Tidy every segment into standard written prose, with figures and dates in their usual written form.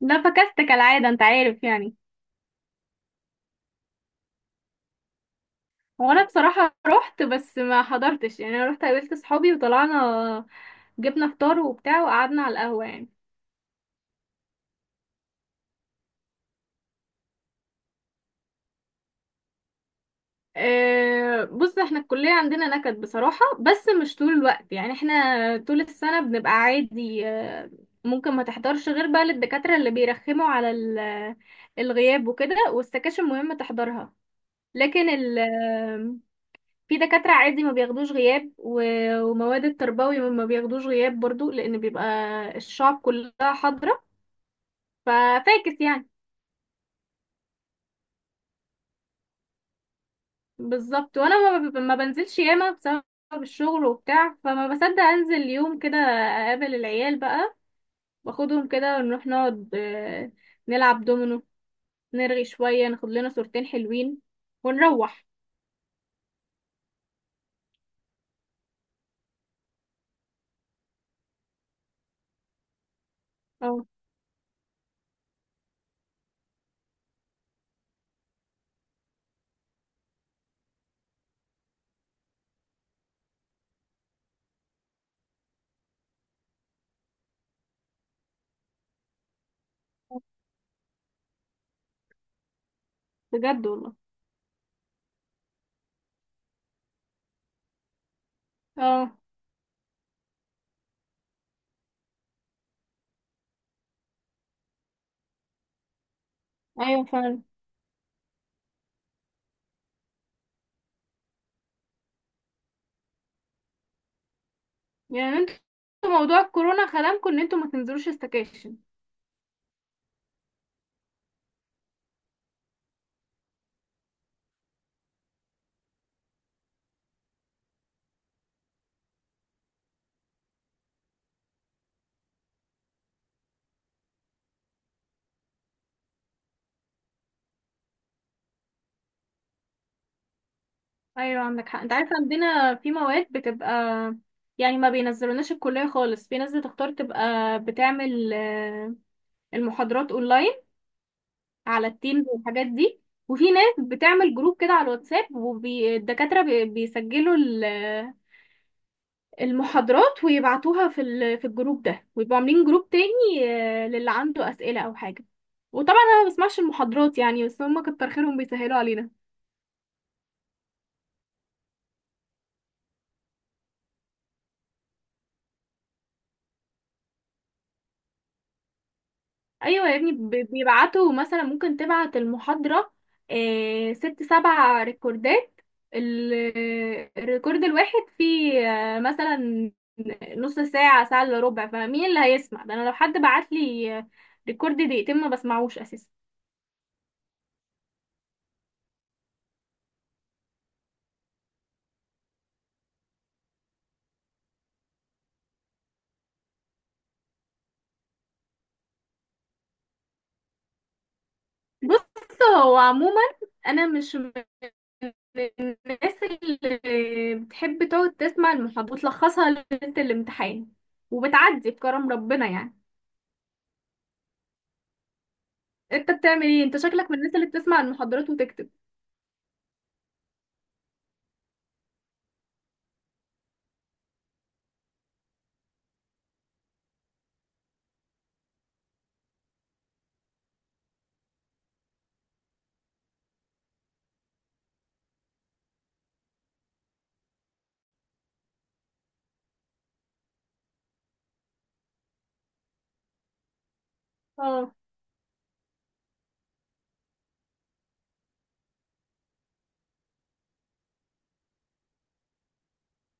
لا فكست كالعادة، انت عارف يعني. وانا بصراحة رحت بس ما حضرتش يعني، انا رحت قابلت صحابي وطلعنا، جبنا فطار وبتاع وقعدنا على القهوة يعني. أه بص، احنا الكلية عندنا نكد بصراحة، بس مش طول الوقت يعني. احنا طول السنة بنبقى عادي، ممكن ما تحضرش غير بقى للدكاترة اللي بيرخموا على الغياب وكده، والسكاشن مهم تحضرها. لكن ال في دكاترة عادي ما بياخدوش غياب، ومواد التربوي ما بياخدوش غياب برضو، لأن بيبقى الشعب كلها حاضرة ففاكس يعني. بالظبط، وأنا ما بنزلش ياما بسبب الشغل وبتاع، فما بصدق أنزل يوم كده أقابل العيال بقى، واخدهم كده ونروح نقعد، نلعب دومينو، نرغي شوية، ناخد لنا صورتين حلوين ونروح. اه بجد والله. اه. ايوه فعلا. يعني انتوا موضوع الكورونا خدمكم ان انتوا ما تنزلوش استكاشن. ايوه عندك حق، انت عارفه عندنا في مواد بتبقى يعني ما بينزلوناش الكليه خالص، في ناس بتختار تبقى بتعمل المحاضرات اونلاين على التيمز والحاجات دي. وفي ناس بتعمل جروب كده على الواتساب، والدكاتره بيسجلوا المحاضرات ويبعتوها في الجروب ده، ويبقوا عاملين جروب تاني للي عنده اسئله او حاجه. وطبعا انا ما بسمعش المحاضرات يعني، بس هم كتر خيرهم بيسهلوا علينا. ايوه يا ابني، بيبعتوا مثلا، ممكن تبعت المحاضرة ست سبع ريكوردات. ال- الريكورد الواحد فيه مثلا نص ساعة، ساعة الا ربع. فمين اللي هيسمع ده؟ انا لو حد بعت لي ريكورد دقيقتين ما بسمعوش اساسا. بص هو عموما، انا مش من الناس اللي بتحب تقعد تسمع المحاضرة وتلخصها ليلة الامتحان، وبتعدي بكرم ربنا يعني. انت بتعمل ايه؟ انت شكلك من الناس اللي بتسمع المحاضرات وتكتب. اه.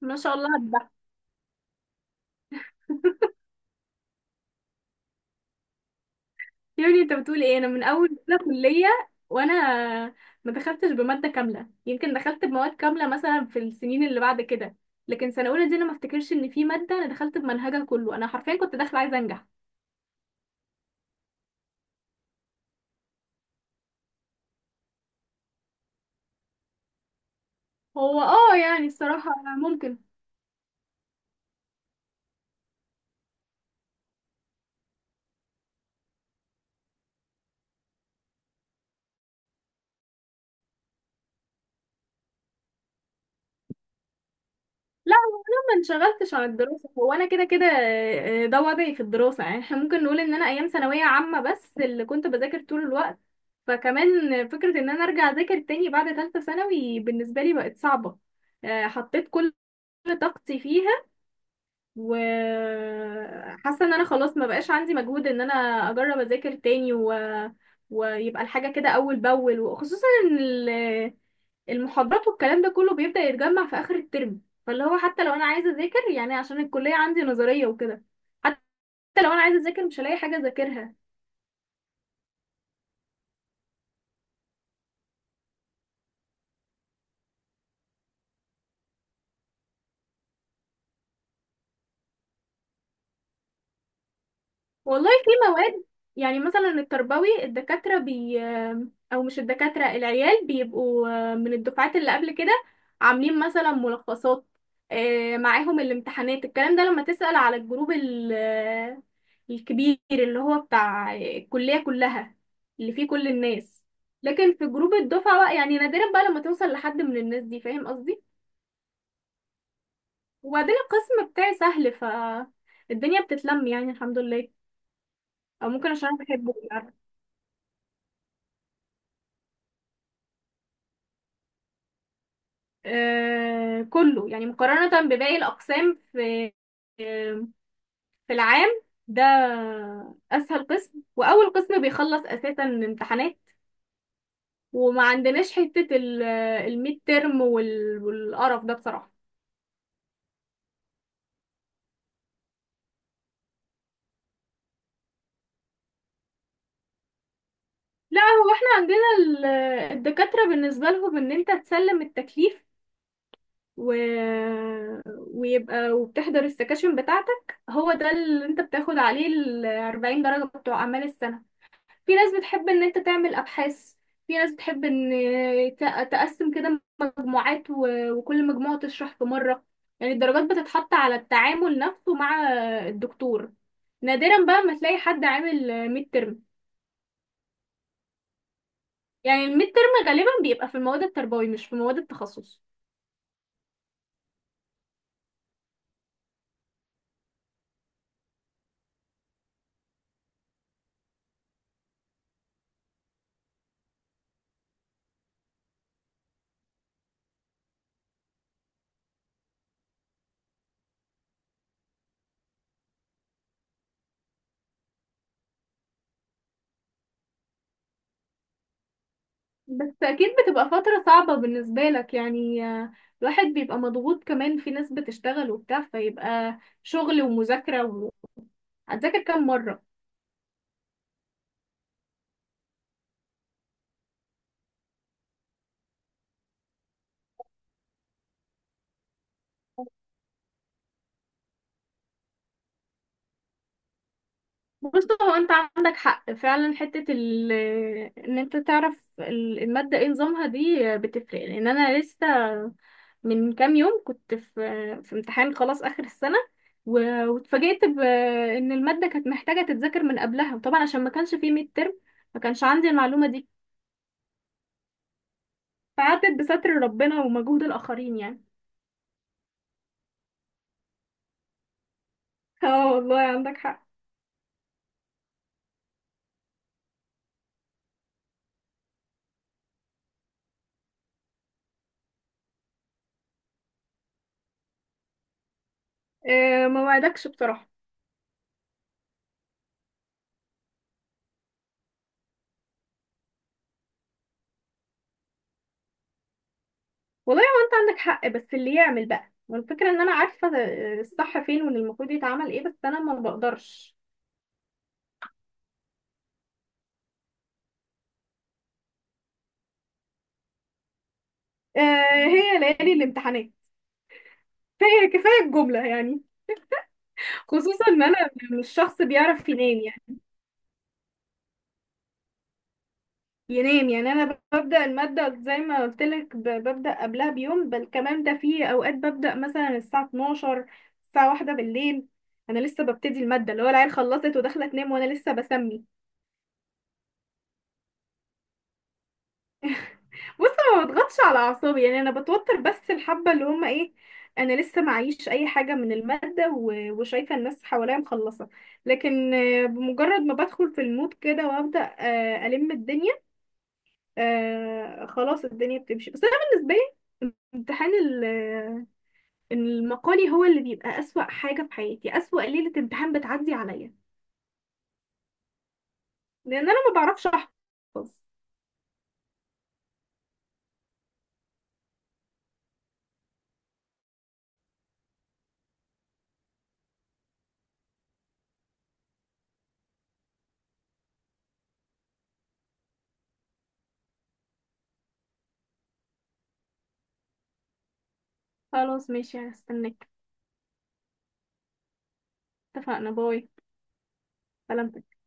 ما شاء الله على الضحك. يا ابني انت بتقول ايه؟ انا من اول سنه كليه وانا ما دخلتش بماده كامله، يمكن دخلت بمواد كامله مثلا في السنين اللي بعد كده، لكن سنه اولى دي انا ما افتكرش ان في ماده انا دخلت بمنهجها كله، انا حرفيا كنت داخله عايزه انجح. هو اه يعني الصراحه ممكن. انشغلتش عن الدراسة، هو انا كده كده، ده وضعي في الدراسة يعني. احنا ممكن نقول ان انا ايام ثانوية عامة بس اللي كنت بذاكر طول الوقت، فكمان فكرة ان انا ارجع اذاكر تاني بعد ثالثة ثانوي بالنسبة لي بقت صعبة. حطيت كل طاقتي فيها، وحاسة ان انا خلاص ما بقاش عندي مجهود ان انا اجرب اذاكر تاني، و... ويبقى الحاجة كده اول باول، وخصوصا ان ال... المحاضرات والكلام ده كله بيبدأ يتجمع في آخر الترم. فاللي هو حتى لو أنا عايزة أذاكر يعني، عشان الكلية عندي نظرية وكده، حتى لو أنا عايزة أذاكر مش هلاقي حاجة أذاكرها. والله في مواد يعني مثلا التربوي، الدكاترة بي، أو مش الدكاترة، العيال بيبقوا من الدفعات اللي قبل كده عاملين مثلا ملخصات، معاهم الامتحانات. الكلام ده لما تسأل على الجروب الكبير اللي هو بتاع الكلية كلها، اللي فيه كل الناس. لكن في جروب الدفعة بقى يعني، نادرا بقى لما توصل لحد من الناس دي. فاهم قصدي؟ وبعدين القسم بتاعي سهل، فالدنيا بتتلم يعني، الحمد لله. او ممكن عشان أنا بحبه. كله يعني مقارنة بباقي الأقسام في آه، في العام ده أسهل قسم، وأول قسم بيخلص أساسا امتحانات. وما عندناش حتة الميد ترم والقرف ده بصراحة. لا، هو احنا عندنا الدكاترة بالنسبة لهم إن أنت تسلم التكليف، و... ويبقى وبتحضر السكاشن بتاعتك، هو ده اللي أنت بتاخد عليه 40 درجة بتوع أعمال السنة. في ناس بتحب ان انت تعمل ابحاث، في ناس بتحب ان تقسم كده مجموعات، وكل مجموعة تشرح في مرة. يعني الدرجات بتتحط على التعامل نفسه مع الدكتور. نادرا بقى ما تلاقي حد عامل ميد ترم، يعني الميد ترم غالبا بيبقى في المواد التربوي مش في مواد التخصص. بس اكيد بتبقى فترة صعبة بالنسبة لك يعني، الواحد بيبقى مضغوط، كمان في ناس بتشتغل وبتاع، فيبقى شغل ومذاكرة. و... هتذاكر كام مرة؟ بص، هو انت عندك حق فعلا، حتة ان انت تعرف المادة ايه نظامها دي بتفرق. لان انا لسه من كام يوم كنت في في امتحان خلاص اخر السنة، واتفاجئت بان المادة كانت محتاجة تتذاكر من قبلها، وطبعا عشان ما كانش فيه ميد ترم ما كانش عندي المعلومة دي، فعدت بستر ربنا ومجهود الاخرين يعني. اه والله عندك حق. اه، ما وعدكش بصراحة. والله هو انت عندك حق، بس اللي يعمل بقى. والفكرة ان انا عارفة الصح فين، واللي المفروض يتعمل ايه، بس انا ما بقدرش. آه هي ليالي الامتحانات. كفاية كفاية الجملة يعني. خصوصا ان انا مش شخص بيعرف ينام يعني. انا ببدأ المادة زي ما قلت لك، ببدأ قبلها بيوم، بل كمان ده في اوقات ببدأ مثلا الساعة 12، الساعة واحدة بالليل، انا لسه ببتدي المادة، اللي هو العيال خلصت وداخلة تنام وانا لسه بسمي. بص، ما بضغطش على اعصابي يعني، انا بتوتر بس الحبه اللي هم ايه، انا لسه معيش اي حاجه من الماده، وشايفه الناس حواليا مخلصه. لكن بمجرد ما بدخل في المود كده وابدا الم الدنيا، خلاص الدنيا بتمشي. بس انا بالنسبه لي امتحان المقالي هو اللي بيبقى اسوأ حاجه في حياتي، اسوأ ليله امتحان بتعدي عليا، لان انا ما بعرفش احفظ. خلاص ماشي، هستناك. اتفقنا. باي. سلام.